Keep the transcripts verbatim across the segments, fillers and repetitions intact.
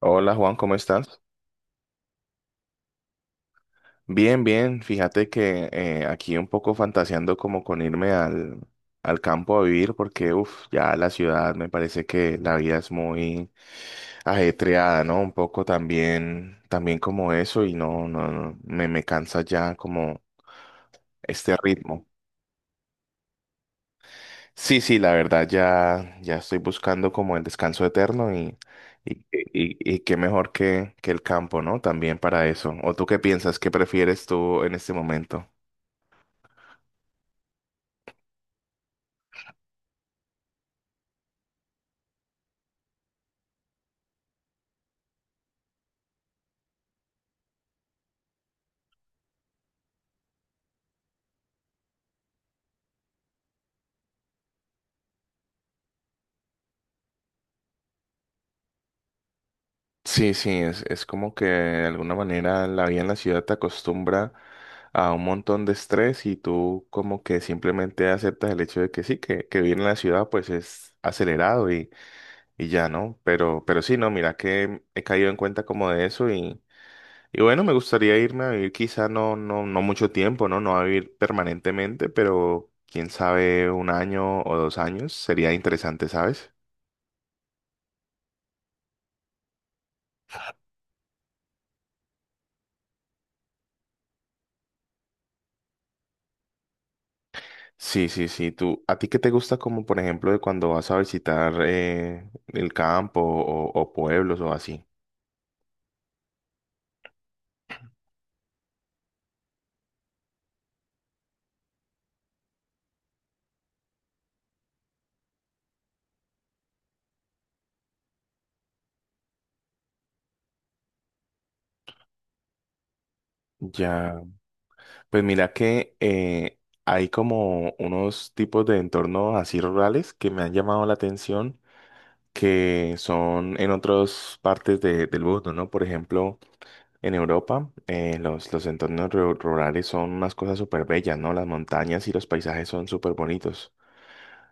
Hola Juan, ¿cómo estás? Bien, bien. Fíjate que eh, aquí un poco fantaseando como con irme al, al campo a vivir porque, uff, ya la ciudad me parece que la vida es muy ajetreada, ¿no? Un poco también, también como eso y no, no, no, me, me cansa ya como este ritmo. Sí, sí, la verdad ya, ya, estoy buscando como el descanso eterno y, y, y, y qué mejor que, que el campo, ¿no? También para eso. ¿O tú qué piensas? ¿Qué prefieres tú en este momento? Sí, sí, es, es como que de alguna manera la vida en la ciudad te acostumbra a un montón de estrés y tú como que simplemente aceptas el hecho de que sí, que, que vivir en la ciudad pues es acelerado y, y ya, ¿no? Pero, pero sí, no, mira que he caído en cuenta como de eso y, y bueno, me gustaría irme a vivir quizá no, no, no mucho tiempo, ¿no? No a vivir permanentemente, pero quién sabe, un año o dos años sería interesante, ¿sabes? Sí, sí, sí. Tú, ¿a ti qué te gusta como, por ejemplo, de cuando vas a visitar eh, el campo o, o pueblos o así? Ya. Pues mira que eh, hay como unos tipos de entornos así rurales que me han llamado la atención que son en otras partes de- del mundo, ¿no? Por ejemplo, en Europa, eh, los, los entornos ru- rurales son unas cosas súper bellas, ¿no? Las montañas y los paisajes son súper bonitos.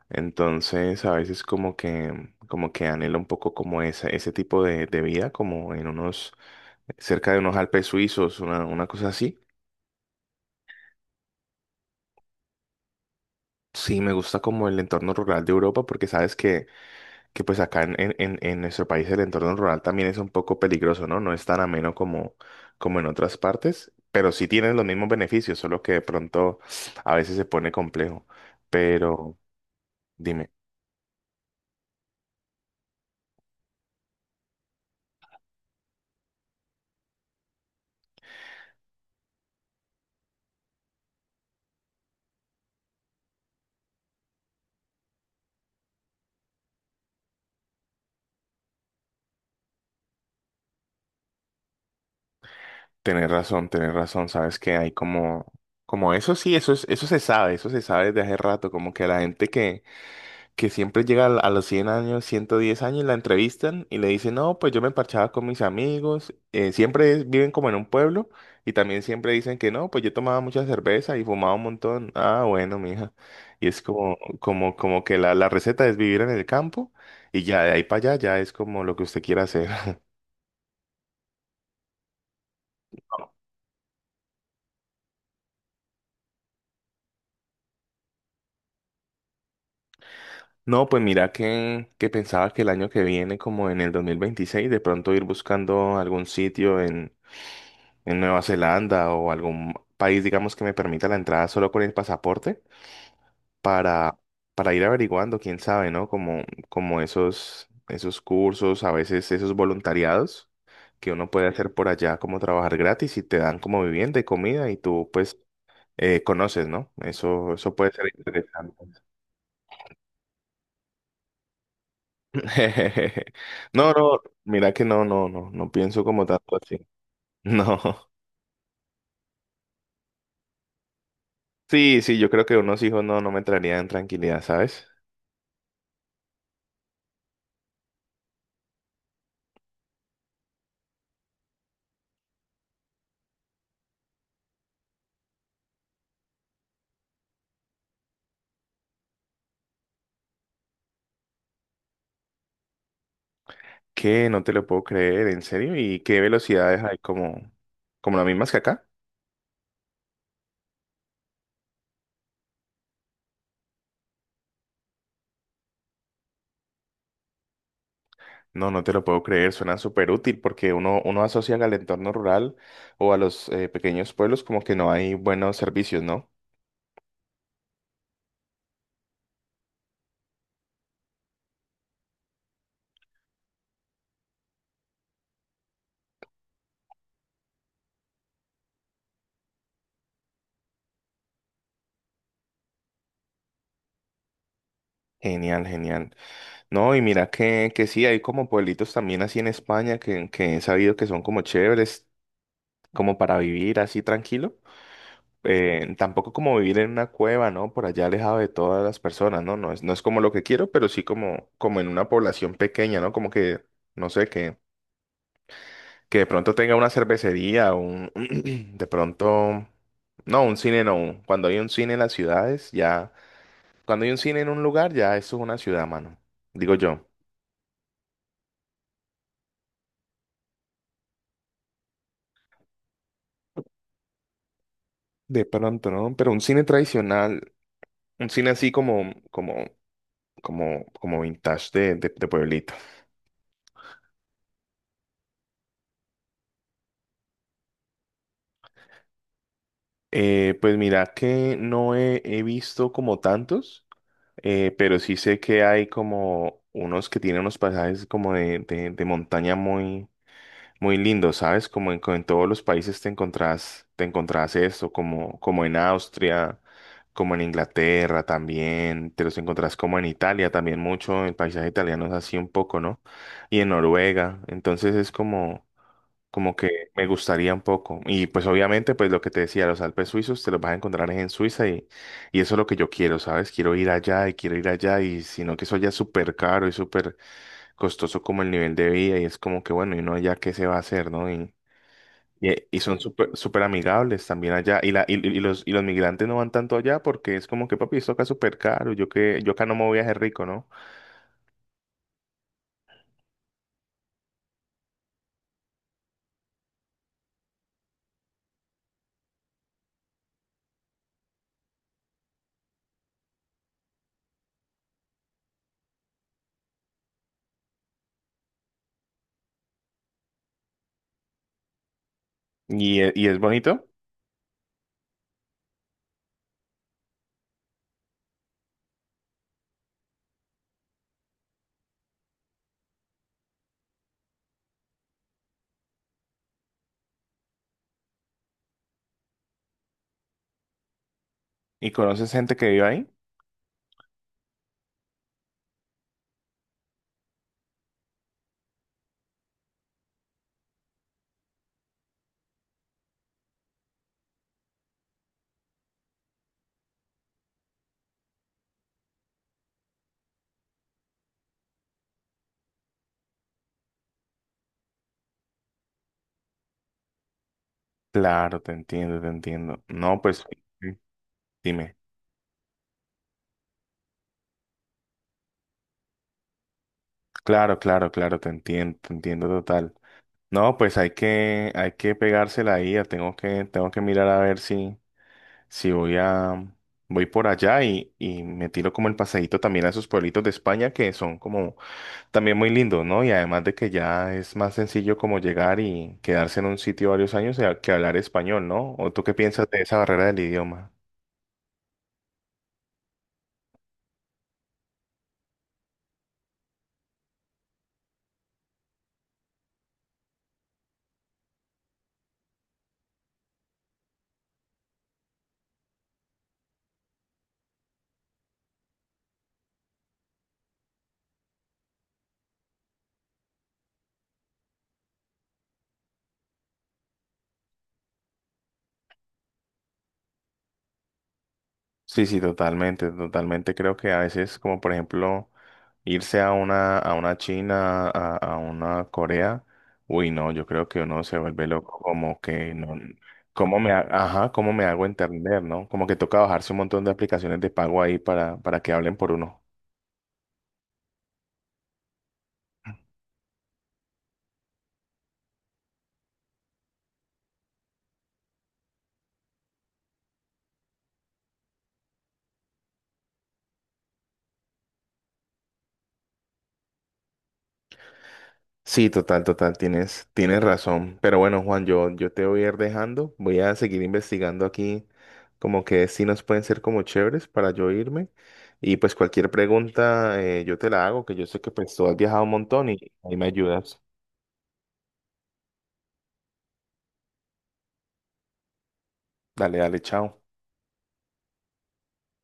Entonces, a veces como que, como que anhelo un poco como ese, ese, tipo de, de vida, como en unos, cerca de unos Alpes suizos, una, una cosa así. Sí, me gusta como el entorno rural de Europa, porque sabes que, que pues acá en, en, en- en nuestro país el entorno rural también es un poco peligroso, ¿no? No es tan ameno como, como en otras partes, pero sí tienen los mismos beneficios, solo que de pronto a veces se pone complejo. Pero, dime. Tenés razón, tenés razón, sabes que hay como, como eso sí, eso es, eso se sabe, eso se sabe desde hace rato, como que la gente que, que, siempre llega al- a los cien años, ciento diez años, la entrevistan y le dicen, no, pues yo me parchaba con mis amigos, eh, siempre es- viven como en un pueblo y también siempre dicen que no, pues yo tomaba mucha cerveza y fumaba un montón, ah, bueno, mija, y es como, como, como que la, la, receta es vivir en el campo y ya de ahí para allá ya es como lo que usted quiera hacer. No, pues mira que, que, pensaba que el año que viene, como en el dos mil veintiséis, de pronto ir buscando algún sitio en, en Nueva Zelanda o algún país, digamos, que me permita la entrada solo con el pasaporte para, para, ir averiguando, quién sabe, ¿no? Como, como esos, esos cursos, a veces esos voluntariados que uno puede hacer por allá, como trabajar gratis y te dan como vivienda y comida y tú pues eh, conoces, ¿no? Eso, eso puede ser interesante. No, no, mira que no, no, no, no pienso como tanto así. No. Sí, sí, yo creo que unos hijos no, no, me traerían tranquilidad, ¿sabes? Que no te lo puedo creer, en serio. ¿Y qué velocidades hay como, como las mismas que acá? No, no te lo puedo creer, suena súper útil porque uno, uno, asocia al entorno rural o a los eh, pequeños pueblos como que no hay buenos servicios, ¿no? Genial, genial. No, y mira que, que sí, hay como pueblitos también así en España que, que he sabido que son como chéveres, como para vivir así tranquilo. Eh, tampoco como vivir en una cueva, ¿no? Por allá alejado de todas las personas, ¿no? No es, no es como lo que quiero, pero sí como, como en una población pequeña, ¿no? Como que, no sé, que, que de pronto tenga una cervecería, un, de pronto, no, un cine no. Cuando hay un cine en las ciudades, ya, cuando hay un cine en un lugar, ya eso es una ciudad, mano. Digo yo. De pronto, ¿no? Pero un cine tradicional, un cine así como, como, como, como vintage de, de, de pueblito. Eh, pues mira que no he, he visto como tantos, eh, pero sí sé que hay como unos que tienen unos pasajes como de, de- de montaña muy, muy lindos, ¿sabes? Como en, co- en todos los países te encontrás, te encontrás, esto, como, como en Austria, como en Inglaterra también, te los encontrás como en Italia también mucho, el paisaje italiano es así un poco, ¿no? Y en Noruega, entonces es como, como que me gustaría un poco. Y pues obviamente, pues lo que te decía, los Alpes suizos te los vas a encontrar en Suiza y, y, eso es lo que yo quiero, ¿sabes? Quiero ir allá y quiero ir allá y sino que eso ya es súper caro y súper costoso como el nivel de vida y es como que bueno, y uno ya qué se va a hacer, ¿no? Y, y, y son súper súper amigables también allá y, la, y, y los, y los migrantes no van tanto allá porque es como que papi, esto acá es súper caro, yo que yo acá no me voy a hacer rico, ¿no? Y, e- y es bonito y conoces gente que vive ahí. Claro, te entiendo, te entiendo. No, pues... Dime. Claro, claro, claro, te entiendo, te entiendo total. No, pues hay que, hay que pegársela ahí, ya tengo que, tengo que mirar a ver si, si, voy a, voy por allá y, y me tiro como el paseíto también a esos pueblitos de España que son como también muy lindos, ¿no? Y además de que ya es más sencillo como llegar y quedarse en un sitio varios años eh, que hablar español, ¿no? ¿O tú qué piensas de esa barrera del idioma? Sí, sí, totalmente, totalmente. Creo que a veces, como por ejemplo, irse a una, a una, China, a, a una Corea, uy, no, yo creo que uno se vuelve loco, como que no, cómo me, ha- ajá, cómo me hago entender, ¿no? Como que toca bajarse un montón de aplicaciones de pago ahí para, para, que hablen por uno. Sí, total, total, tienes, tienes razón. Pero bueno, Juan, yo, yo te voy a ir dejando. Voy a seguir investigando aquí como que sí nos pueden ser como chéveres para yo irme. Y pues cualquier pregunta eh, yo te la hago, que yo sé que pues tú has viajado un montón y ahí me ayudas. Dale, dale, chao.